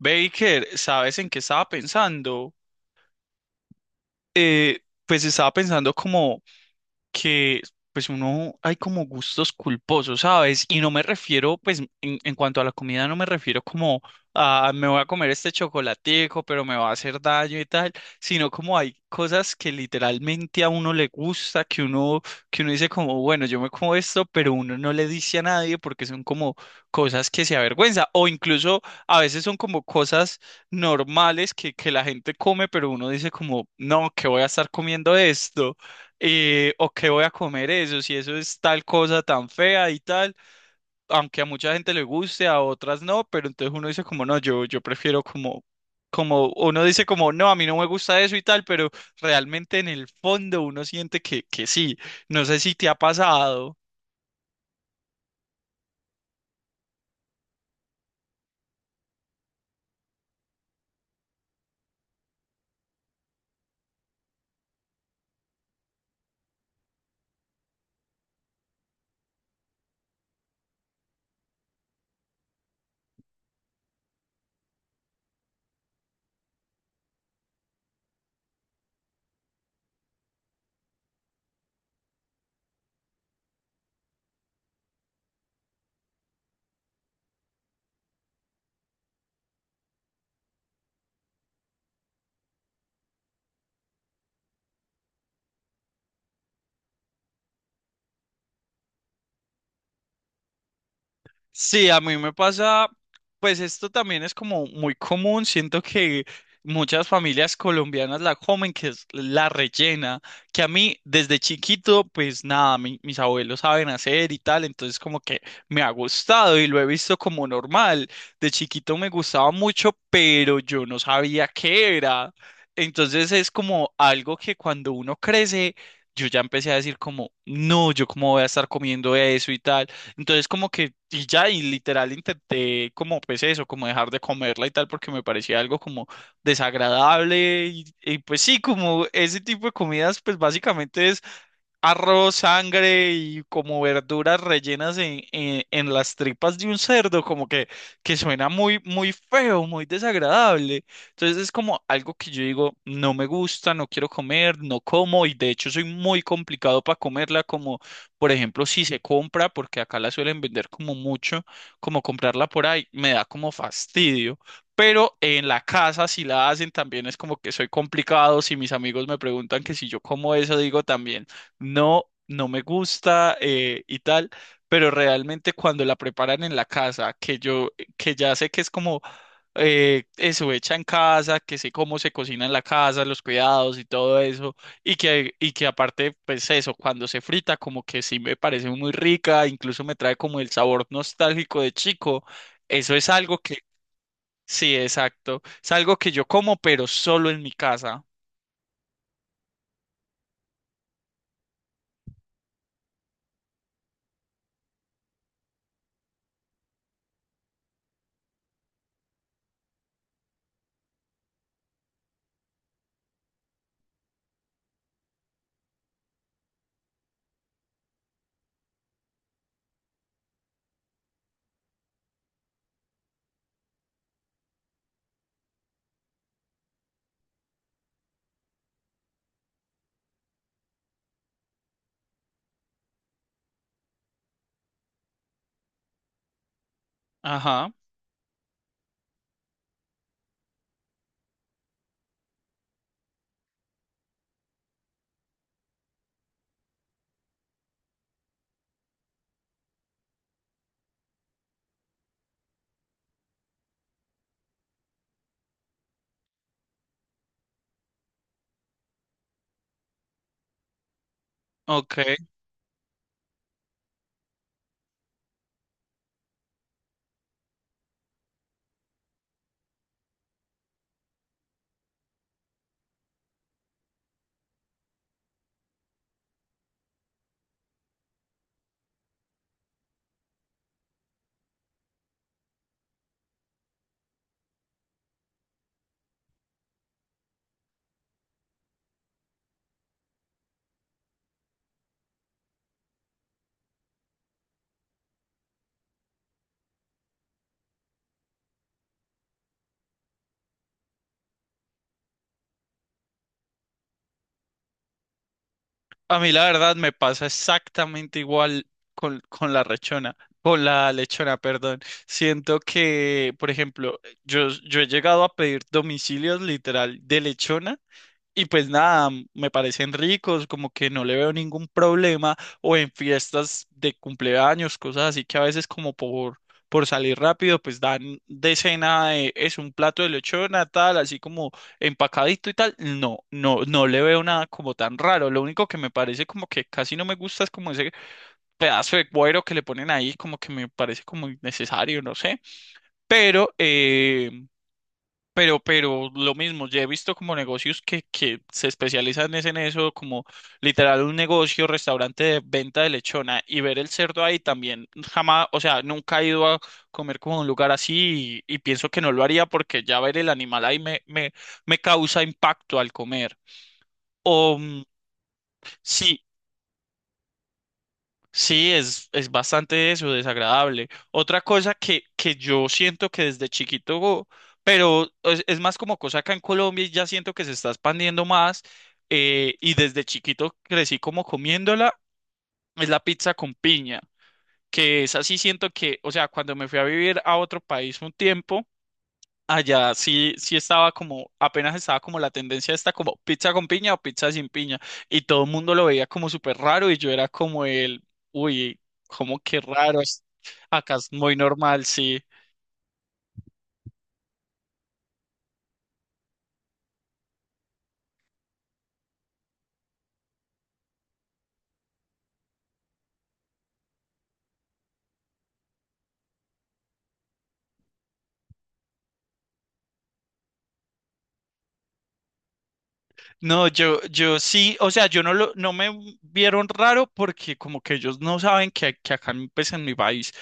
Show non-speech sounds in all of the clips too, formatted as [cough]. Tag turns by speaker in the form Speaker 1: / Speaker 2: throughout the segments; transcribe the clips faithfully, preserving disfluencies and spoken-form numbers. Speaker 1: Baker, ¿sabes en qué estaba pensando? Eh, pues estaba pensando como que pues uno hay como gustos culposos, ¿sabes? Y no me refiero, pues en, en cuanto a la comida, no me refiero como a me voy a comer este chocolatico, pero me va a hacer daño y tal, sino como hay cosas que literalmente a uno le gusta, que uno, que uno dice como, bueno, yo me como esto, pero uno no le dice a nadie porque son como cosas que se avergüenza, o incluso a veces son como cosas normales que, que la gente come, pero uno dice como, no, que voy a estar comiendo esto eh, o qué voy a comer eso, si eso es tal cosa tan fea y tal, aunque a mucha gente le guste, a otras no, pero entonces uno dice como no, yo, yo prefiero como, como, uno dice como no, a mí no me gusta eso y tal, pero realmente en el fondo uno siente que, que sí, no sé si te ha pasado. Sí, a mí me pasa, pues esto también es como muy común, siento que muchas familias colombianas la comen, que es la rellena, que a mí desde chiquito, pues nada, mi- mis abuelos saben hacer y tal, entonces como que me ha gustado y lo he visto como normal. De chiquito me gustaba mucho, pero yo no sabía qué era. Entonces es como algo que cuando uno crece, yo ya empecé a decir como, no, yo cómo voy a estar comiendo eso y tal. Entonces como que, y ya, y literal intenté como pues eso, como dejar de comerla y tal, porque me parecía algo como desagradable y, y pues sí, como ese tipo de comidas pues básicamente es arroz, sangre y como verduras rellenas en, en- en las tripas de un cerdo, como que, que suena muy, muy feo, muy desagradable. Entonces es como algo que yo digo, no me gusta, no quiero comer, no como y de hecho soy muy complicado para comerla, como por ejemplo si se compra, porque acá la suelen vender como mucho, como comprarla por ahí, me da como fastidio. Pero en la casa, si la hacen, también es como que soy complicado. Si mis amigos me preguntan que si yo como eso, digo también no, no me gusta eh, y tal, pero realmente cuando la preparan en la casa, que yo, que ya sé que es como eh, eso hecha en casa, que sé cómo se cocina en la casa, los cuidados y todo eso, y que, y que aparte, pues eso, cuando se frita, como que sí me parece muy rica, incluso me trae como el sabor nostálgico de chico, eso es algo que, sí, exacto, es algo que yo como, pero solo en mi casa. Ajá, ok. A mí la verdad me pasa exactamente igual con, con la rechona, con la lechona, perdón. Siento que, por ejemplo, yo, yo he llegado a pedir domicilios literal de lechona. Y pues nada, me parecen ricos, como que no le veo ningún problema, o en fiestas de cumpleaños, cosas así que a veces como por, por salir rápido, pues dan de cena, de- es un plato de lechona, tal, así como empacadito y tal. No, no, no le veo nada como tan raro. Lo único que me parece como que casi no me gusta es como ese pedazo de cuero que le ponen ahí, como que me parece como innecesario, no sé. Pero, eh, pero, pero lo mismo, ya he visto como negocios que, que se especializan es en eso, como literal un negocio, restaurante de venta de lechona y ver el cerdo ahí también jamás, o sea, nunca he ido a comer como a un lugar así y, y pienso que no lo haría porque ya ver el animal ahí me, me, me causa impacto al comer. O mm, sí, sí, es, es bastante eso, desagradable. Otra cosa que, que yo siento que desde chiquito, pero es, es más como cosa acá en Colombia y ya siento que se está expandiendo más eh, y desde chiquito crecí como comiéndola, es la pizza con piña, que es así siento que, o sea, cuando me fui a vivir a otro país un tiempo, allá sí, sí estaba como, apenas estaba como la tendencia esta como pizza con piña o pizza sin piña. Y todo el mundo lo veía como súper raro y yo era como el, uy, como que raro. es- Acá es muy normal, sí. No, yo, yo sí, o sea, yo no lo, no me vieron raro porque como que ellos no saben que, que acá en, pues, en mi país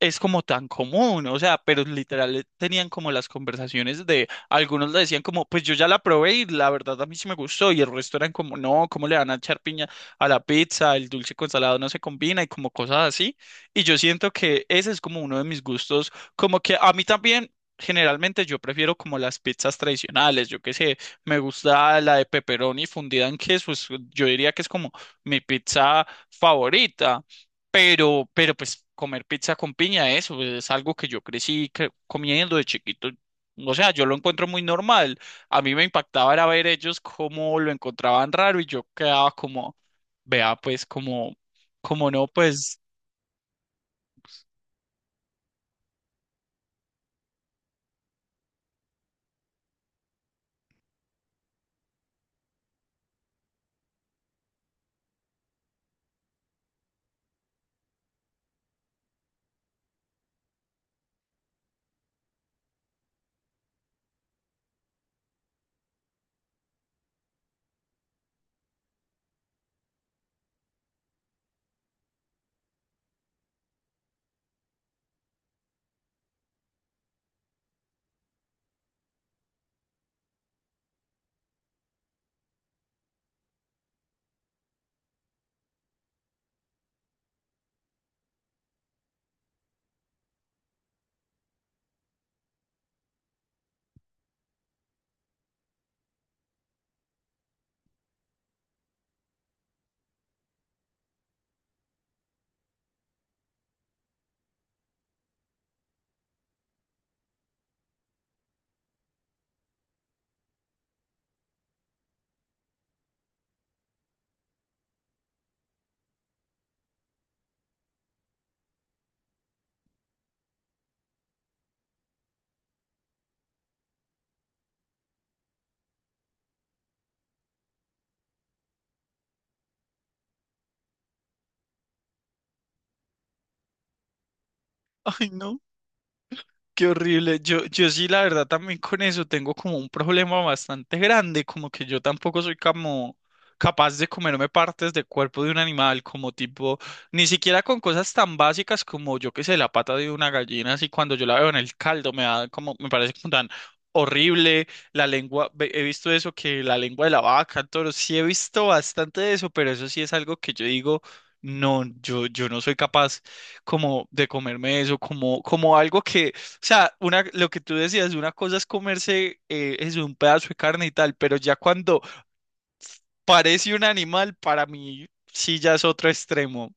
Speaker 1: es como tan común, o sea, pero literal eh, tenían como las conversaciones de, algunos le decían como, pues yo ya la probé y la verdad a mí sí me gustó y el resto eran como, no, ¿cómo le van a echar piña a la pizza? El dulce con salado no se combina y como cosas así. Y yo siento que ese es como uno de mis gustos, como que a mí también. Generalmente yo prefiero como las pizzas tradicionales, yo qué sé, me gusta la de pepperoni fundida en queso. Es- yo diría que es como mi pizza favorita. Pero, pero pues comer pizza con piña, eso es algo que yo crecí que- comiendo de chiquito. O sea, yo lo encuentro muy normal. A mí me impactaba era ver ellos cómo lo encontraban raro y yo quedaba como, vea, pues como, como no, pues, [laughs] Ay, no. Qué horrible. Yo, yo sí, la verdad, también con eso tengo como un problema bastante grande, como que yo tampoco soy como capaz de comerme partes del cuerpo de un animal, como tipo, ni siquiera con cosas tan básicas como yo que sé, la pata de una gallina, así cuando yo la veo en el caldo me da como, me parece como tan horrible, la lengua, ve- he visto eso que la lengua de la vaca, el toro, sí he visto bastante de eso, pero eso sí es algo que yo digo, no, yo, yo no soy capaz como de comerme eso, como, como algo que o sea, una, lo que tú decías, una cosa es comerse eh, es un pedazo de carne y tal, pero ya cuando parece un animal, para mí sí ya es otro extremo.